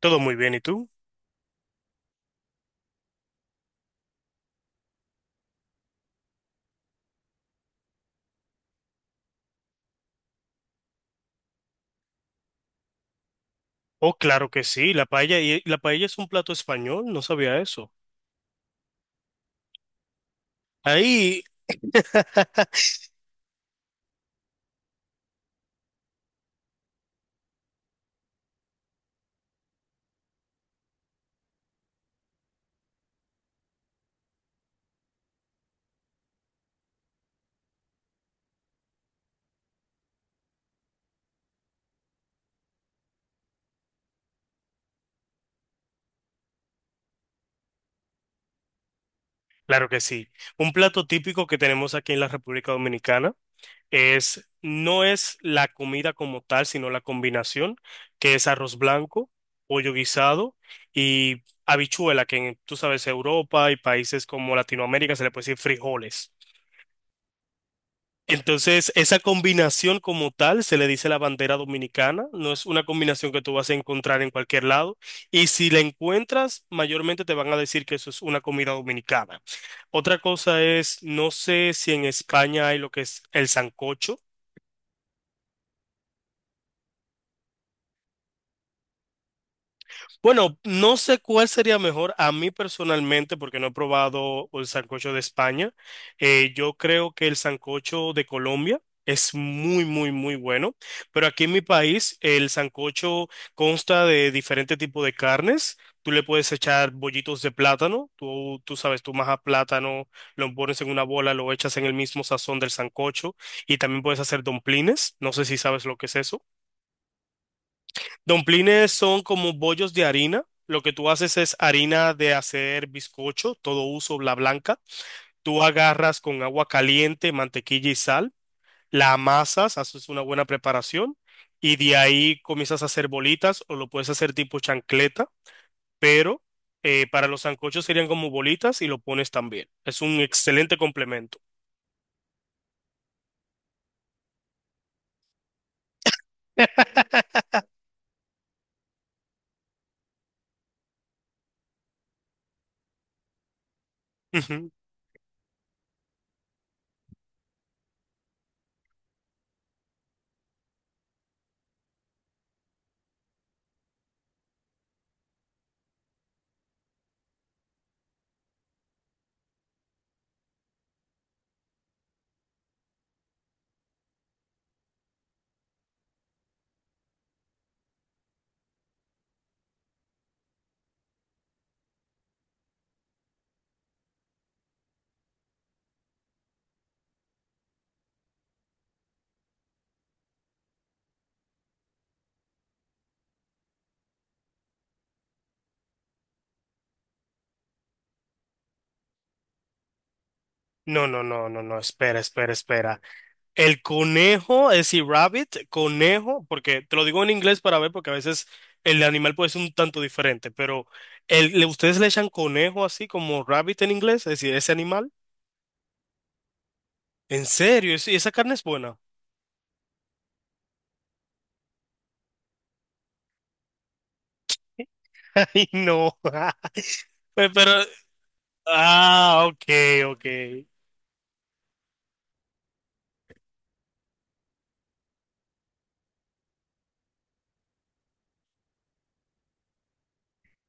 Todo muy bien, ¿y tú? Oh, claro que sí, la paella, y la paella es un plato español, no sabía eso. Ahí, claro que sí. Un plato típico que tenemos aquí en la República Dominicana es, no es la comida como tal, sino la combinación, que es arroz blanco, pollo guisado y habichuela, que en, tú sabes, Europa y países como Latinoamérica se le puede decir frijoles. Entonces, esa combinación como tal se le dice la bandera dominicana, no es una combinación que tú vas a encontrar en cualquier lado y si la encuentras, mayormente te van a decir que eso es una comida dominicana. Otra cosa es, no sé si en España hay lo que es el sancocho. Bueno, no sé cuál sería mejor a mí personalmente, porque no he probado el sancocho de España. Yo creo que el sancocho de Colombia es muy, muy, muy bueno. Pero aquí en mi país, el sancocho consta de diferentes tipos de carnes. Tú le puedes echar bollitos de plátano. Tú sabes, tú majas plátano, lo pones en una bola, lo echas en el mismo sazón del sancocho. Y también puedes hacer domplines. No sé si sabes lo que es eso. Domplines son como bollos de harina. Lo que tú haces es harina de hacer bizcocho, todo uso, la blanca. Tú agarras con agua caliente, mantequilla y sal, la amasas, haces una buena preparación y de ahí comienzas a hacer bolitas o lo puedes hacer tipo chancleta, pero para los sancochos serían como bolitas y lo pones también. Es un excelente complemento. Ujú. No, no, no, no, no, espera, espera, espera. El conejo, es decir, rabbit, conejo, porque te lo digo en inglés para ver, porque a veces el animal puede ser un tanto diferente, pero ustedes le echan conejo así como rabbit en inglés, es decir, ese animal. ¿En serio? ¿Y esa carne es buena? Ay, no. Pero, ah, ok, ok.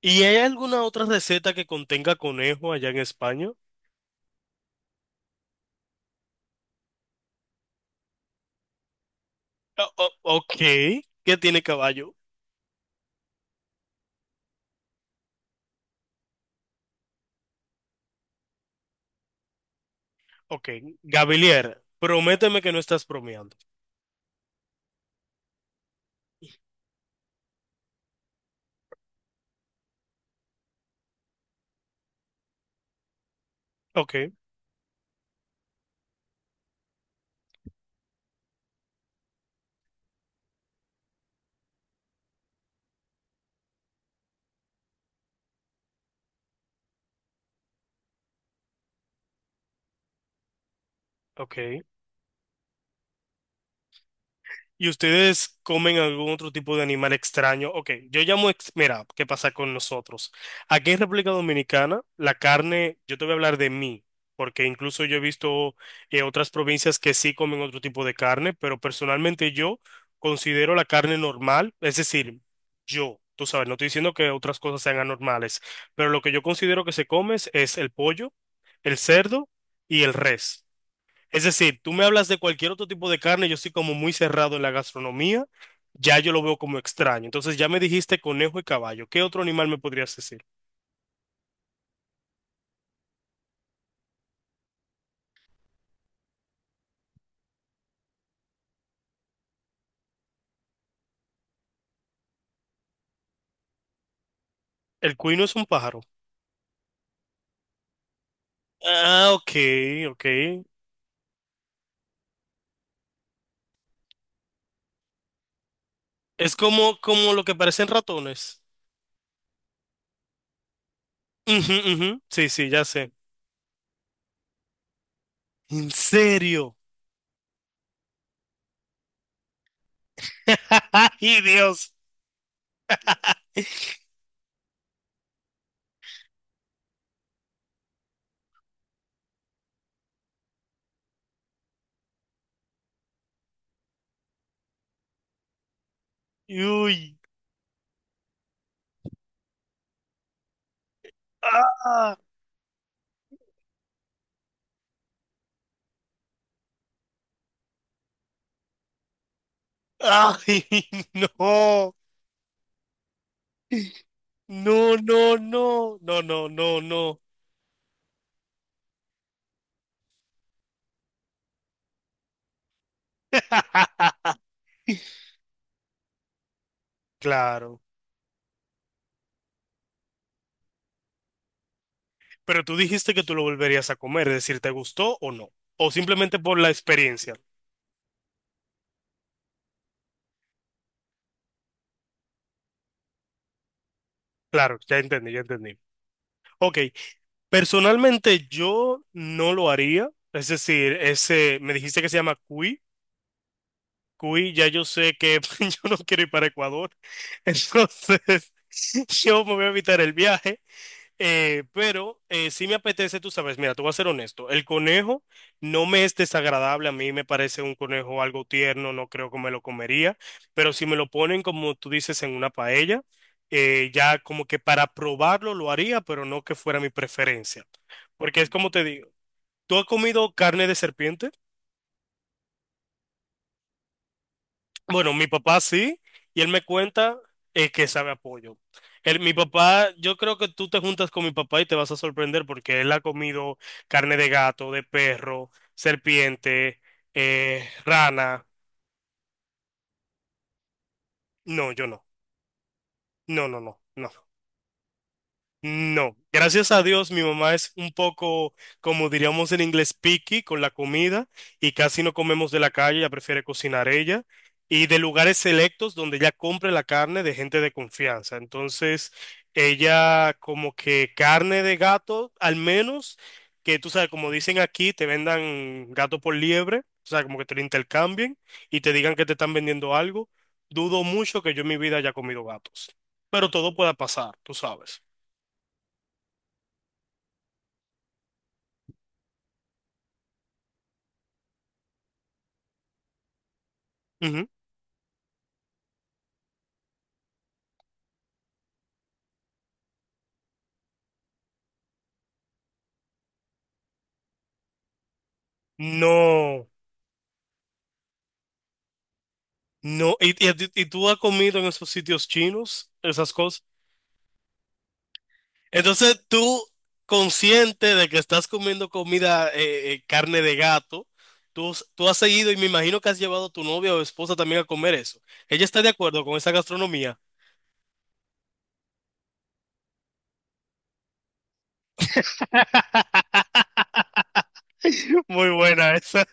¿Y hay alguna otra receta que contenga conejo allá en España? Ok, ¿qué tiene caballo? Ok, Gabilier, prométeme que no estás bromeando. Ok, ok. ¿Y ustedes comen algún otro tipo de animal extraño? Ok, yo llamo, mira, ¿qué pasa con nosotros? Aquí en República Dominicana, la carne, yo te voy a hablar de mí, porque incluso yo he visto otras provincias que sí comen otro tipo de carne, pero personalmente yo considero la carne normal, es decir, yo, tú sabes, no estoy diciendo que otras cosas sean anormales, pero lo que yo considero que se come es el pollo, el cerdo y el res. Es decir, tú me hablas de cualquier otro tipo de carne, yo soy como muy cerrado en la gastronomía, ya yo lo veo como extraño. Entonces ya me dijiste conejo y caballo. ¿Qué otro animal me podrías decir? El cuino es un pájaro. Ah, ok, ok. Es como, como lo que parecen ratones. Ujú, ujú. Sí, sí, ya sé. ¿En serio? ¡Ay, Dios! ¡Uy! ¡Ah! ¡Ay, no! No, no, no, no, no, no, no. Claro. Pero tú dijiste que tú lo volverías a comer, es decir, ¿te gustó o no? O simplemente por la experiencia. Claro, ya entendí, ya entendí. Ok, personalmente yo no lo haría. Es decir, ese, me dijiste que se llama cuy. Cuy, ya yo sé que yo no quiero ir para Ecuador. Entonces, yo me voy a evitar el viaje. Pero sí me apetece, tú sabes, mira, te voy a ser honesto, el conejo no me es desagradable, a mí me parece un conejo algo tierno, no creo que me lo comería, pero si me lo ponen como tú dices en una paella, ya como que para probarlo lo haría, pero no que fuera mi preferencia, porque es como te digo, ¿tú has comido carne de serpiente? Bueno, mi papá sí, y él me cuenta que sabe apoyo. Él, mi papá, yo creo que tú te juntas con mi papá y te vas a sorprender porque él ha comido carne de gato, de perro, serpiente, rana. No, yo no. No, no, no, no. No, gracias a Dios mi mamá es un poco, como diríamos en inglés, picky con la comida y casi no comemos de la calle, ella prefiere cocinar ella y de lugares selectos donde ella compre la carne de gente de confianza. Entonces, ella como que carne de gato, al menos que tú sabes, como dicen aquí, te vendan gato por liebre, o sea, como que te lo intercambien y te digan que te están vendiendo algo. Dudo mucho que yo en mi vida haya comido gatos, pero todo pueda pasar, tú sabes. No, no, y a ti- y tú has comido en esos sitios chinos, esas cosas. Entonces tú, consciente de que estás comiendo comida, carne de gato, tú, tú has seguido y me imagino que has llevado a tu novia o esposa también a comer eso. ¿Ella está de acuerdo con esa gastronomía? Muy buena esa.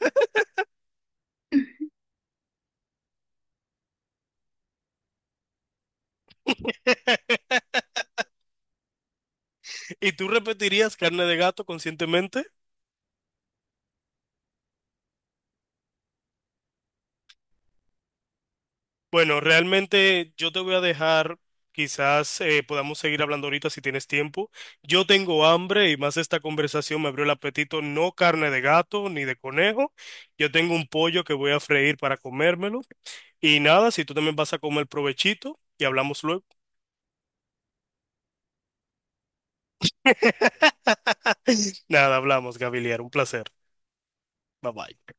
¿Y tú repetirías carne de gato conscientemente? Bueno, realmente yo te voy a dejar, quizás podamos seguir hablando ahorita si tienes tiempo. Yo tengo hambre y más esta conversación me abrió el apetito, no carne de gato ni de conejo. Yo tengo un pollo que voy a freír para comérmelo. Y nada, si tú también vas a comer provechito y hablamos luego. Nada, hablamos, Gabiliar, un placer. Bye bye.